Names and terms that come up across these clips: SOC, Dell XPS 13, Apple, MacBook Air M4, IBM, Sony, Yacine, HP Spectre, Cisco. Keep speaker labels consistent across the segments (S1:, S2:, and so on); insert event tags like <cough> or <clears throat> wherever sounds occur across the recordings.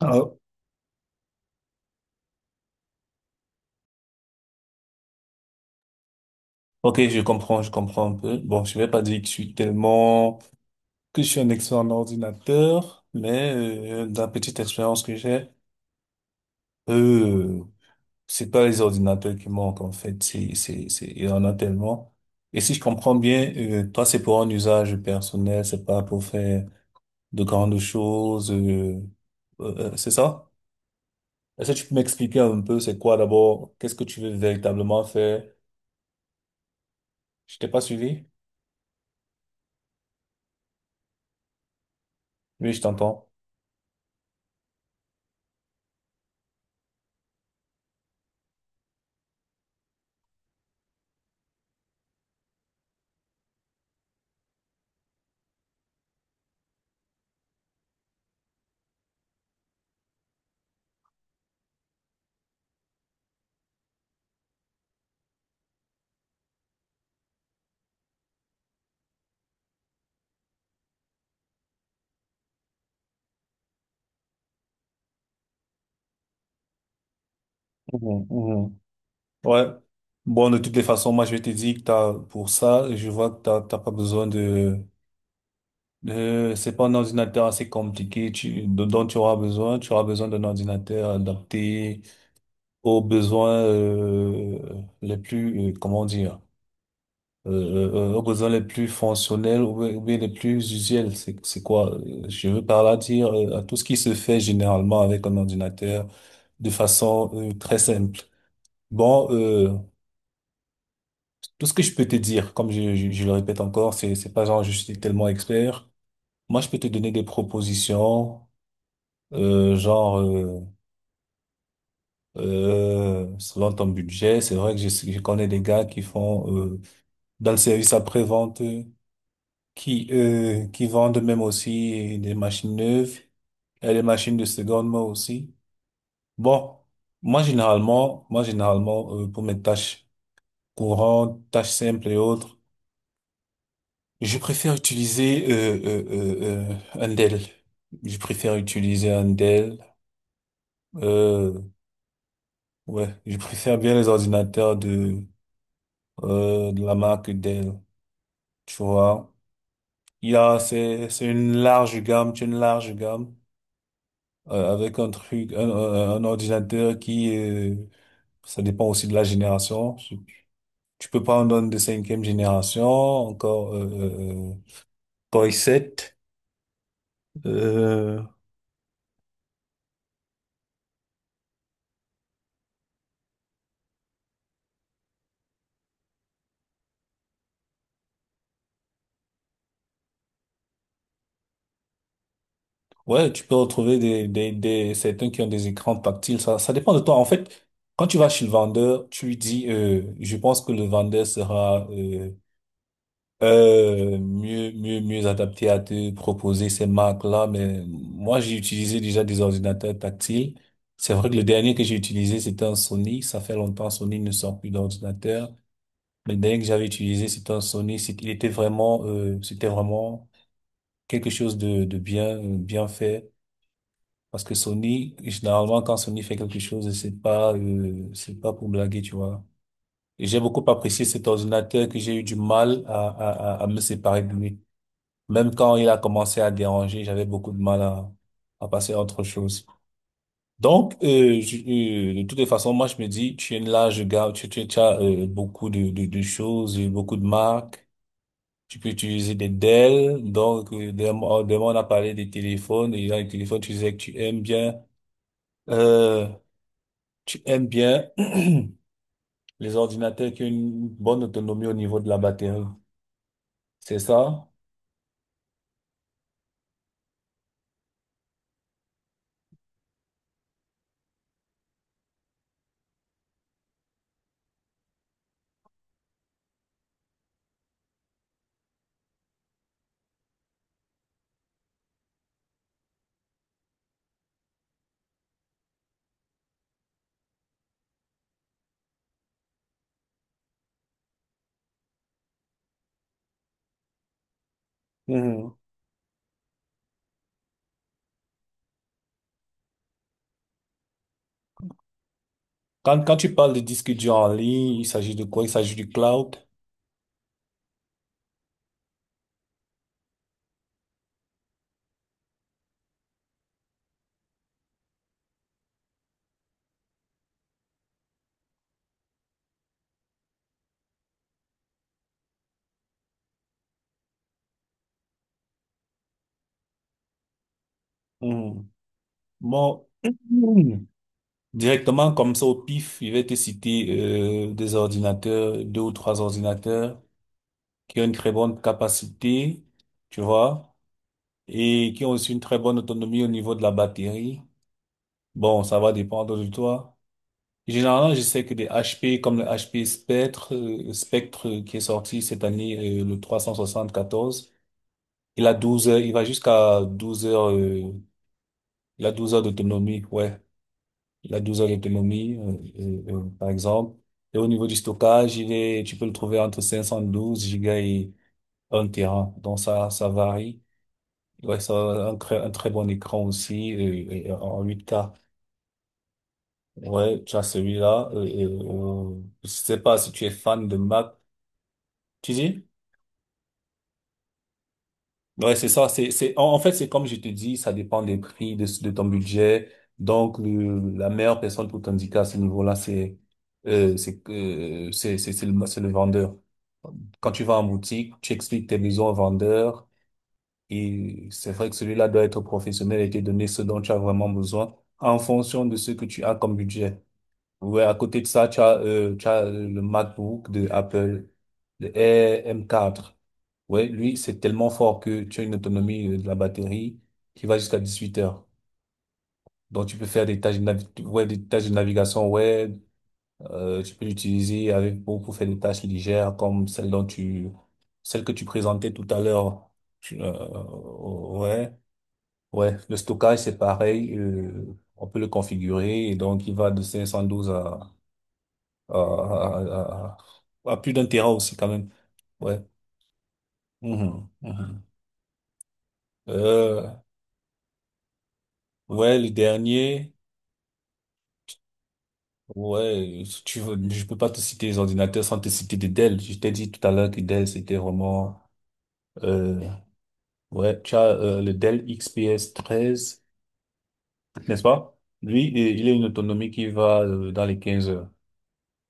S1: Ah, ok, je comprends un peu. Bon, je vais pas dire que je suis tellement, que je suis un expert en ordinateur, mais dans la petite expérience que j'ai, euh, c'est pas les ordinateurs qui manquent, en fait. Il y en a tellement. Et si je comprends bien, toi, c'est pour un usage personnel, c'est pas pour faire de grandes choses, c'est ça? Est-ce que tu peux m'expliquer un peu c'est quoi d'abord? Qu'est-ce que tu veux véritablement faire? Je t'ai pas suivi? Oui, je t'entends. Mhm, mhm. Ouais. Bon, de toutes les façons, moi, je te dis que t'as, pour ça, je vois que t'as pas besoin de, c'est pas un ordinateur assez compliqué dont tu auras besoin. Tu auras besoin d'un ordinateur adapté aux besoins, les plus, comment dire, aux besoins les plus fonctionnels ou bien les plus usuels. C'est quoi? Je veux par là dire, à tout ce qui se fait généralement avec un ordinateur de façon, très simple. Bon, tout ce que je peux te dire, comme je le répète encore, c'est pas genre je suis tellement expert. Moi, je peux te donner des propositions, euh, genre euh, selon ton budget. C'est vrai que je connais des gars qui font euh, dans le service après-vente, qui vendent même aussi des machines neuves et des machines de seconde main aussi. Bon, moi généralement pour mes tâches courantes, tâches simples et autres. Je préfère utiliser Andel. Je préfère utiliser Andel. Euh, ouais, je préfère bien les ordinateurs de la marque Dell. Tu vois, il y a c'est une large gamme, c'est une large gamme avec un truc, un ordinateur qui ça dépend aussi de la génération. Tu peux prendre un de cinquième génération, encore Core i7. Ouais, tu peux retrouver certains qui ont des écrans tactiles. Ça dépend de toi. En fait, quand tu vas chez le vendeur, tu lui dis, je pense que le vendeur sera, mieux adapté à te proposer ces marques-là. Mais moi, j'ai utilisé déjà des ordinateurs tactiles. C'est vrai que le dernier que j'ai utilisé, c'était un Sony. Ça fait longtemps, Sony ne sort plus d'ordinateur. Mais le dernier que j'avais utilisé, c'était un Sony. Il était vraiment, c'était vraiment quelque chose de bien, bien fait. Parce que Sony, généralement, quand Sony fait quelque chose, c'est pas pour blaguer, tu vois. Et j'ai beaucoup apprécié cet ordinateur que j'ai eu du mal à me séparer de lui. Même quand il a commencé à déranger, j'avais beaucoup de mal à passer à autre chose. Donc, de toutes les façons, moi, je me dis, tu es là, je garde, tu as beaucoup de choses, beaucoup de marques. Tu peux utiliser des Dell. Donc, demain, on a parlé des téléphones. Et là, les téléphones, tu disais que tu aimes bien. Euh, Tu aimes bien <clears throat> les ordinateurs qui ont une bonne autonomie au niveau de la batterie, c'est ça? Mhm. Quand tu parles de disque dur en ligne, il s'agit de quoi? Il s'agit du cloud. Mhm. Bon. Mhm. <clears throat> Directement comme ça au pif, il va te citer des ordinateurs, deux ou trois ordinateurs qui ont une très bonne capacité, tu vois, et qui ont aussi une très bonne autonomie au niveau de la batterie. Bon, ça va dépendre de toi. Généralement, je sais que des HP comme le HP Spectre, qui est sorti cette année, le 14, il a 12 heures, il va jusqu'à 12 heures, il a 12 heures d'autonomie, ouais. Il a 12 heures d'autonomie, par exemple. Et au niveau du stockage, tu peux le trouver entre 512 gigas et 1 téra. Donc ça varie. Ouais, ça a un très bon écran aussi, en 8K. Ouais, tu as celui-là. Je sais pas si tu es fan de Mac. Tu dis? Ouais, c'est ça. En fait, c'est comme je te dis, ça dépend des prix, de ton budget. Donc, la meilleure personne pour t'indiquer à ce niveau-là, c'est le vendeur. Quand tu vas en boutique, tu expliques tes besoins au vendeur et c'est vrai que celui-là doit être professionnel et te donner ce dont tu as vraiment besoin en fonction de ce que tu as comme budget. Ouais, à côté de ça, tu as le MacBook de Apple, le Air M4. Ouais, lui, c'est tellement fort que tu as une autonomie de la batterie qui va jusqu'à 18 heures. Donc, tu peux faire des tâches ouais, des tâches de navigation web. Tu peux l'utiliser avec pour, faire des tâches légères comme celle dont tu, celle que tu présentais tout à l'heure. Oh, ouais, ouais. Le stockage, c'est pareil. On peut le configurer et donc il va de 512 euh, à, à plus d'un terrain aussi quand même. Ouais. Mhm, mhm. Euh, ouais, le dernier. Ouais, si tu veux, je peux pas te citer les ordinateurs sans te citer des Dell. Je t'ai dit tout à l'heure que Dell, c'était vraiment, euh, ouais, le Dell XPS 13, n'est-ce pas? Lui, il a une autonomie qui va, dans les 15 heures.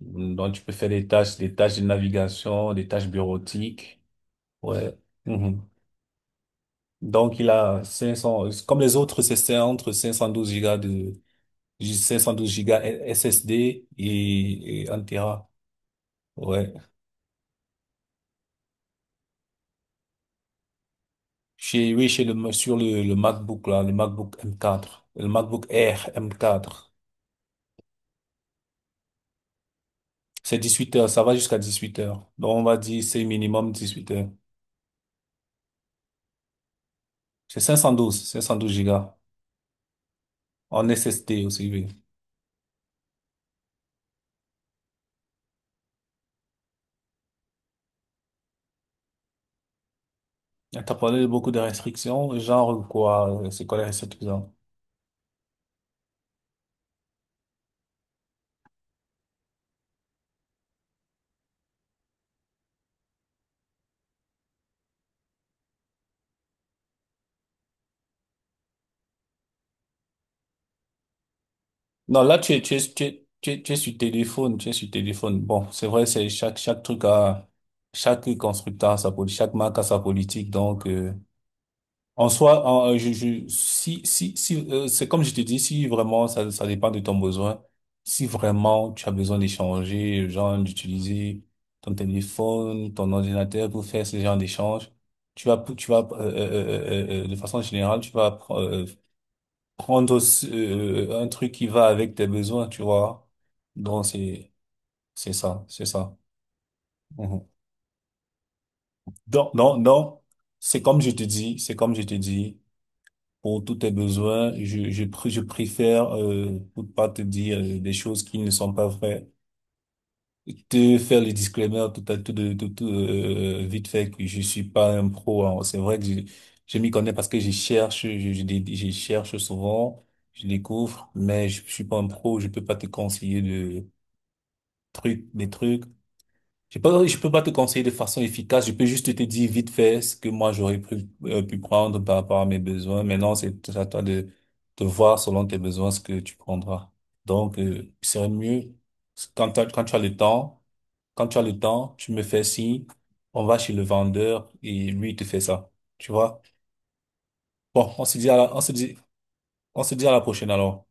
S1: Donc, tu peux faire des tâches de navigation, des tâches bureautiques. Ouais. Mhm. Donc, il a 500, comme les autres, c'est entre 512 Go 512 gigas SSD et 1 Tera. Ouais. Chez, oui, chez le MacBook, là, le MacBook M4, le MacBook Air M4. C'est 18 heures, ça va jusqu'à 18 heures. Donc, on va dire, c'est minimum 18 heures. 512 Go en SSD aussi, oui. T'as parlé de beaucoup de restrictions, genre quoi, c'est quoi les restrictions? Non, là, tu es sur téléphone, tu es sur téléphone. Bon, c'est vrai, chaque truc a, chaque constructeur a sa politique, chaque marque a sa politique. Donc, si, c'est comme je te dis, si vraiment ça, ça dépend de ton besoin, si vraiment tu as besoin d'échanger, genre d'utiliser ton téléphone, ton ordinateur pour faire ce genre d'échange, tu vas, de façon générale, tu vas, prendre aussi, un truc qui va avec tes besoins, tu vois. Donc, c'est ça, c'est ça. Mhm. Donc, non, non, c'est comme je te dis, c'est comme je te dis, pour tous tes besoins, je préfère, pour pas te dire des choses qui ne sont pas vraies, te faire le disclaimer tout à tout, tout, vite fait que je suis pas un pro, hein. C'est vrai que je m'y connais parce que je cherche, je cherche souvent, je découvre, mais je suis pas un pro, je peux pas te conseiller trucs, des trucs. Je peux pas te conseiller de façon efficace. Je peux juste te dire vite fait ce que moi j'aurais pu prendre par rapport à mes besoins. Maintenant, c'est à toi de voir selon tes besoins ce que tu prendras. Donc, il serait mieux quand tu as le temps, quand tu as le temps, tu me fais signe, on va chez le vendeur et lui il te fait ça. Tu vois? Bon, on se dit à la prochaine alors.